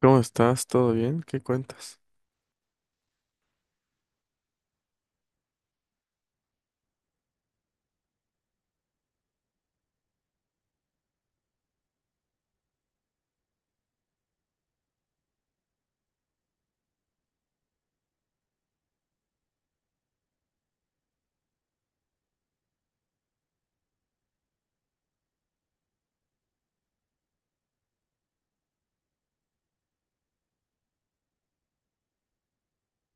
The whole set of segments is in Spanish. ¿Cómo estás? ¿Todo bien? ¿Qué cuentas?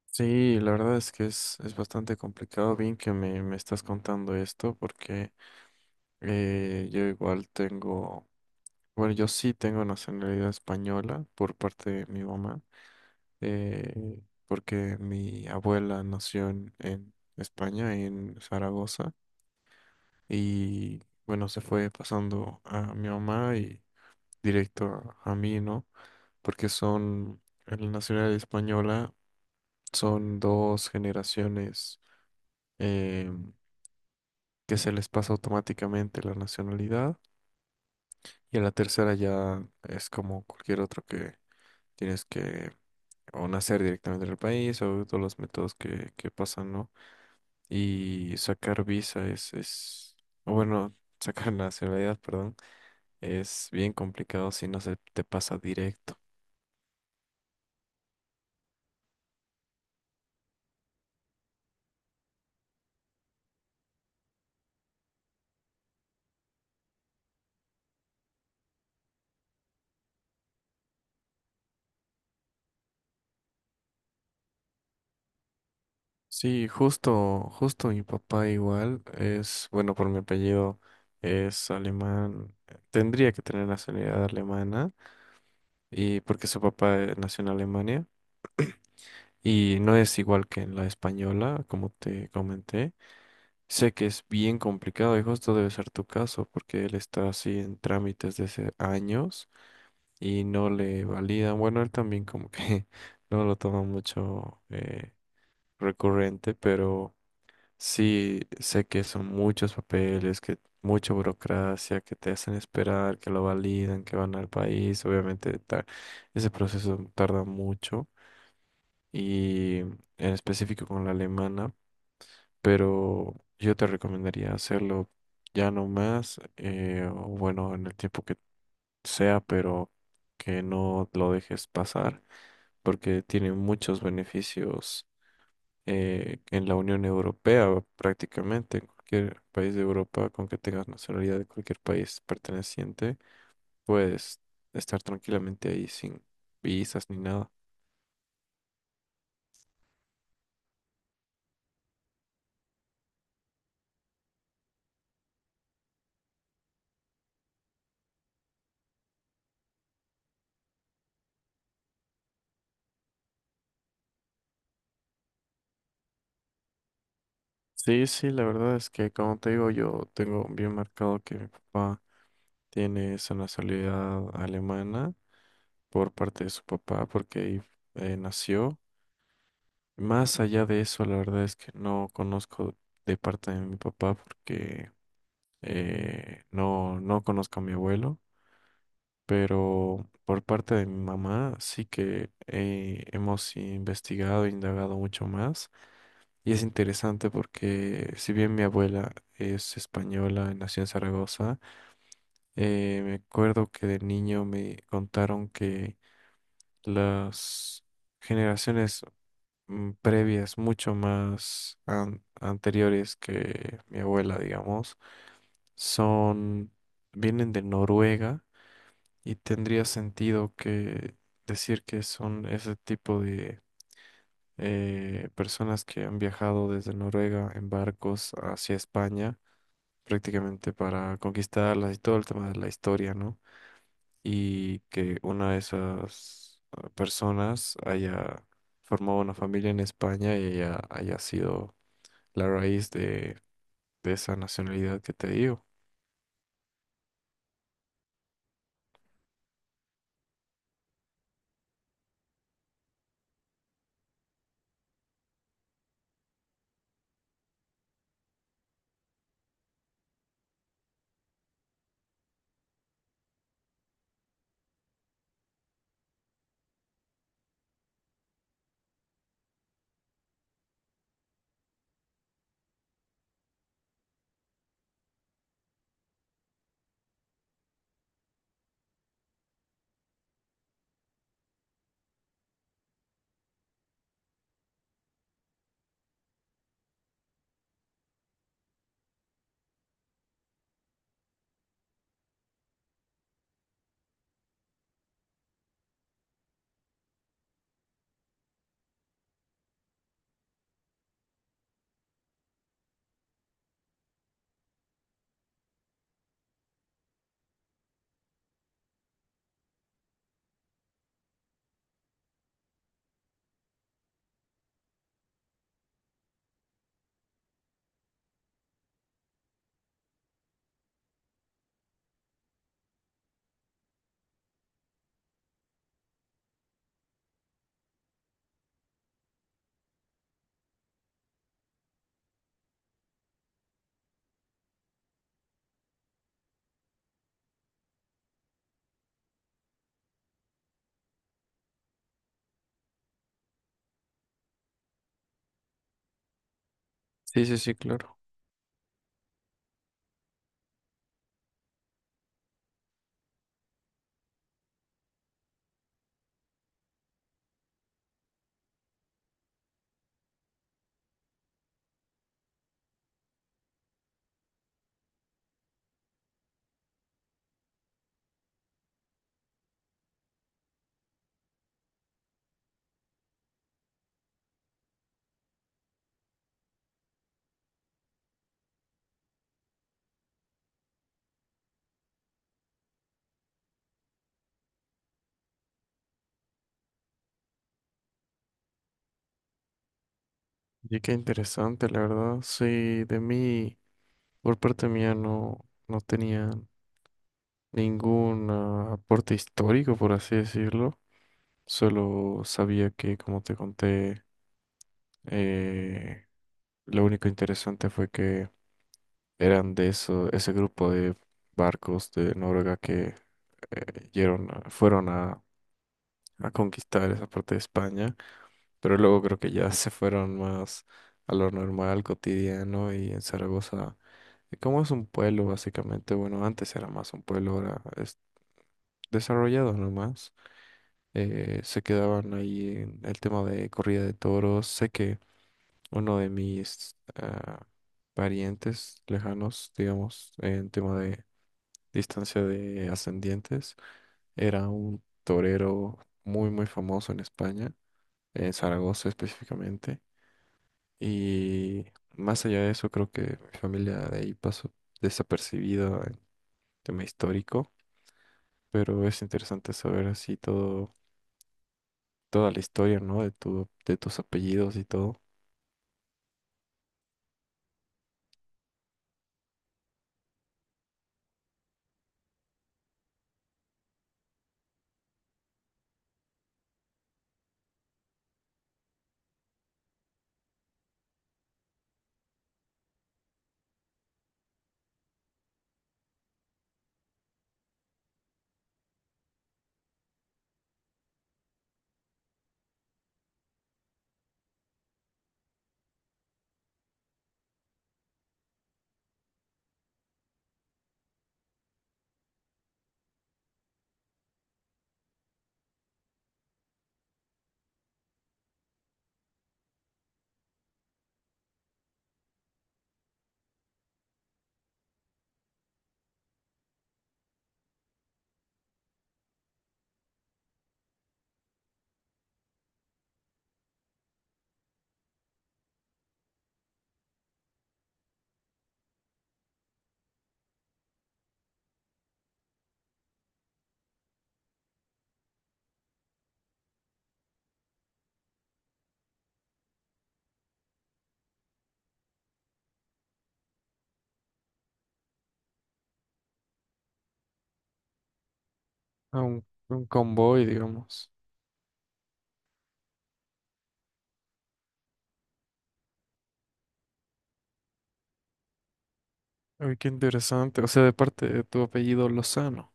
Sí, la verdad es que es bastante complicado. Bien que me estás contando esto porque yo igual tengo, bueno, yo sí tengo nacionalidad española por parte de mi mamá, eh, porque mi abuela nació en España, en Zaragoza, y bueno, se fue pasando a mi mamá y directo a mí, ¿no? Porque son, en la nacionalidad española son dos generaciones eh, que se les pasa automáticamente la nacionalidad, y a la tercera ya es como cualquier otro, que tienes que o nacer directamente en el país o todos los métodos que pasan, ¿no? Y sacar visa o bueno, sacar nacionalidad, perdón, es bien complicado si no se te pasa directo. Sí, justo mi papá igual es, bueno, por mi apellido es alemán, tendría que tener nacionalidad alemana, y porque su papá nació en Alemania, y no es igual que en la española, como te comenté. Sé que es bien complicado y justo debe ser tu caso, porque él está así en trámites desde hace años y no le validan. Bueno, él también como que no lo toma mucho recurrente. Pero sí, sé que son muchos papeles, que mucha burocracia, que te hacen esperar, que lo validan, que van al país. Obviamente, ese proceso tarda mucho, y en específico con la alemana, pero yo te recomendaría hacerlo ya no más, o bueno, en el tiempo que sea, pero que no lo dejes pasar, porque tiene muchos beneficios en la Unión Europea. Prácticamente en cualquier país de Europa, con que tengas nacionalidad de cualquier país perteneciente, puedes estar tranquilamente ahí sin visas ni nada. Sí, sí, la verdad es que, como te digo, yo tengo bien marcado que mi papá tiene esa nacionalidad alemana por parte de su papá porque ahí nació. Más allá de eso, la verdad es que no conozco de parte de mi papá porque no conozco a mi abuelo, pero por parte de mi mamá sí que hemos investigado e indagado mucho más. Y es interesante porque, si bien mi abuela es española, nació en Zaragoza, me acuerdo que de niño me contaron que las generaciones previas, mucho más anteriores que mi abuela, digamos, son, vienen de Noruega. Y tendría sentido que decir que son ese tipo de personas que han viajado desde Noruega en barcos hacia España, prácticamente para conquistarlas, y todo el tema de la historia, ¿no? Y que una de esas personas haya formado una familia en España y haya sido la raíz de esa nacionalidad que te digo. Sí, sí, sí, claro. Y qué interesante, la verdad. Sí, de mí, por parte mía, no tenía ningún aporte histórico, por así decirlo. Solo sabía que, como te conté, eh, lo único interesante fue que eran de eso, ese grupo de barcos de Noruega que fueron a conquistar esa parte de España, pero luego creo que ya se fueron más a lo normal, cotidiano, y en Zaragoza, como es un pueblo básicamente, bueno, antes era más un pueblo, ahora es desarrollado nomás, se quedaban ahí en el tema de corrida de toros. Sé que uno de mis... parientes lejanos, digamos, en tema de distancia de ascendientes, era un torero muy, muy famoso en España, en Zaragoza específicamente. Y más allá de eso, creo que mi familia de ahí pasó desapercibida en tema histórico, pero es interesante saber así todo, toda la historia, ¿no? De tu, de tus apellidos y todo. Ah, un convoy, digamos. Ay, qué interesante. O sea, de parte de tu apellido Lozano.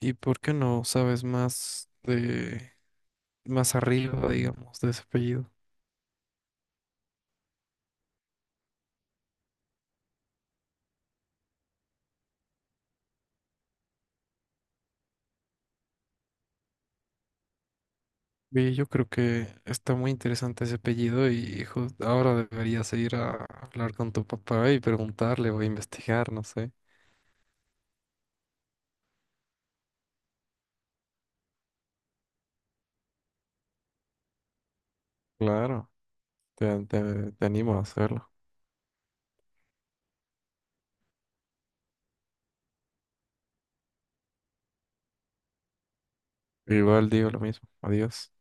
¿Y por qué no sabes más de más arriba, digamos, de ese apellido? Oye, yo creo que está muy interesante ese apellido, y hijo, ahora deberías ir a hablar con tu papá y preguntarle o investigar, no sé. Claro, te animo a hacerlo. Igual digo lo mismo. Adiós.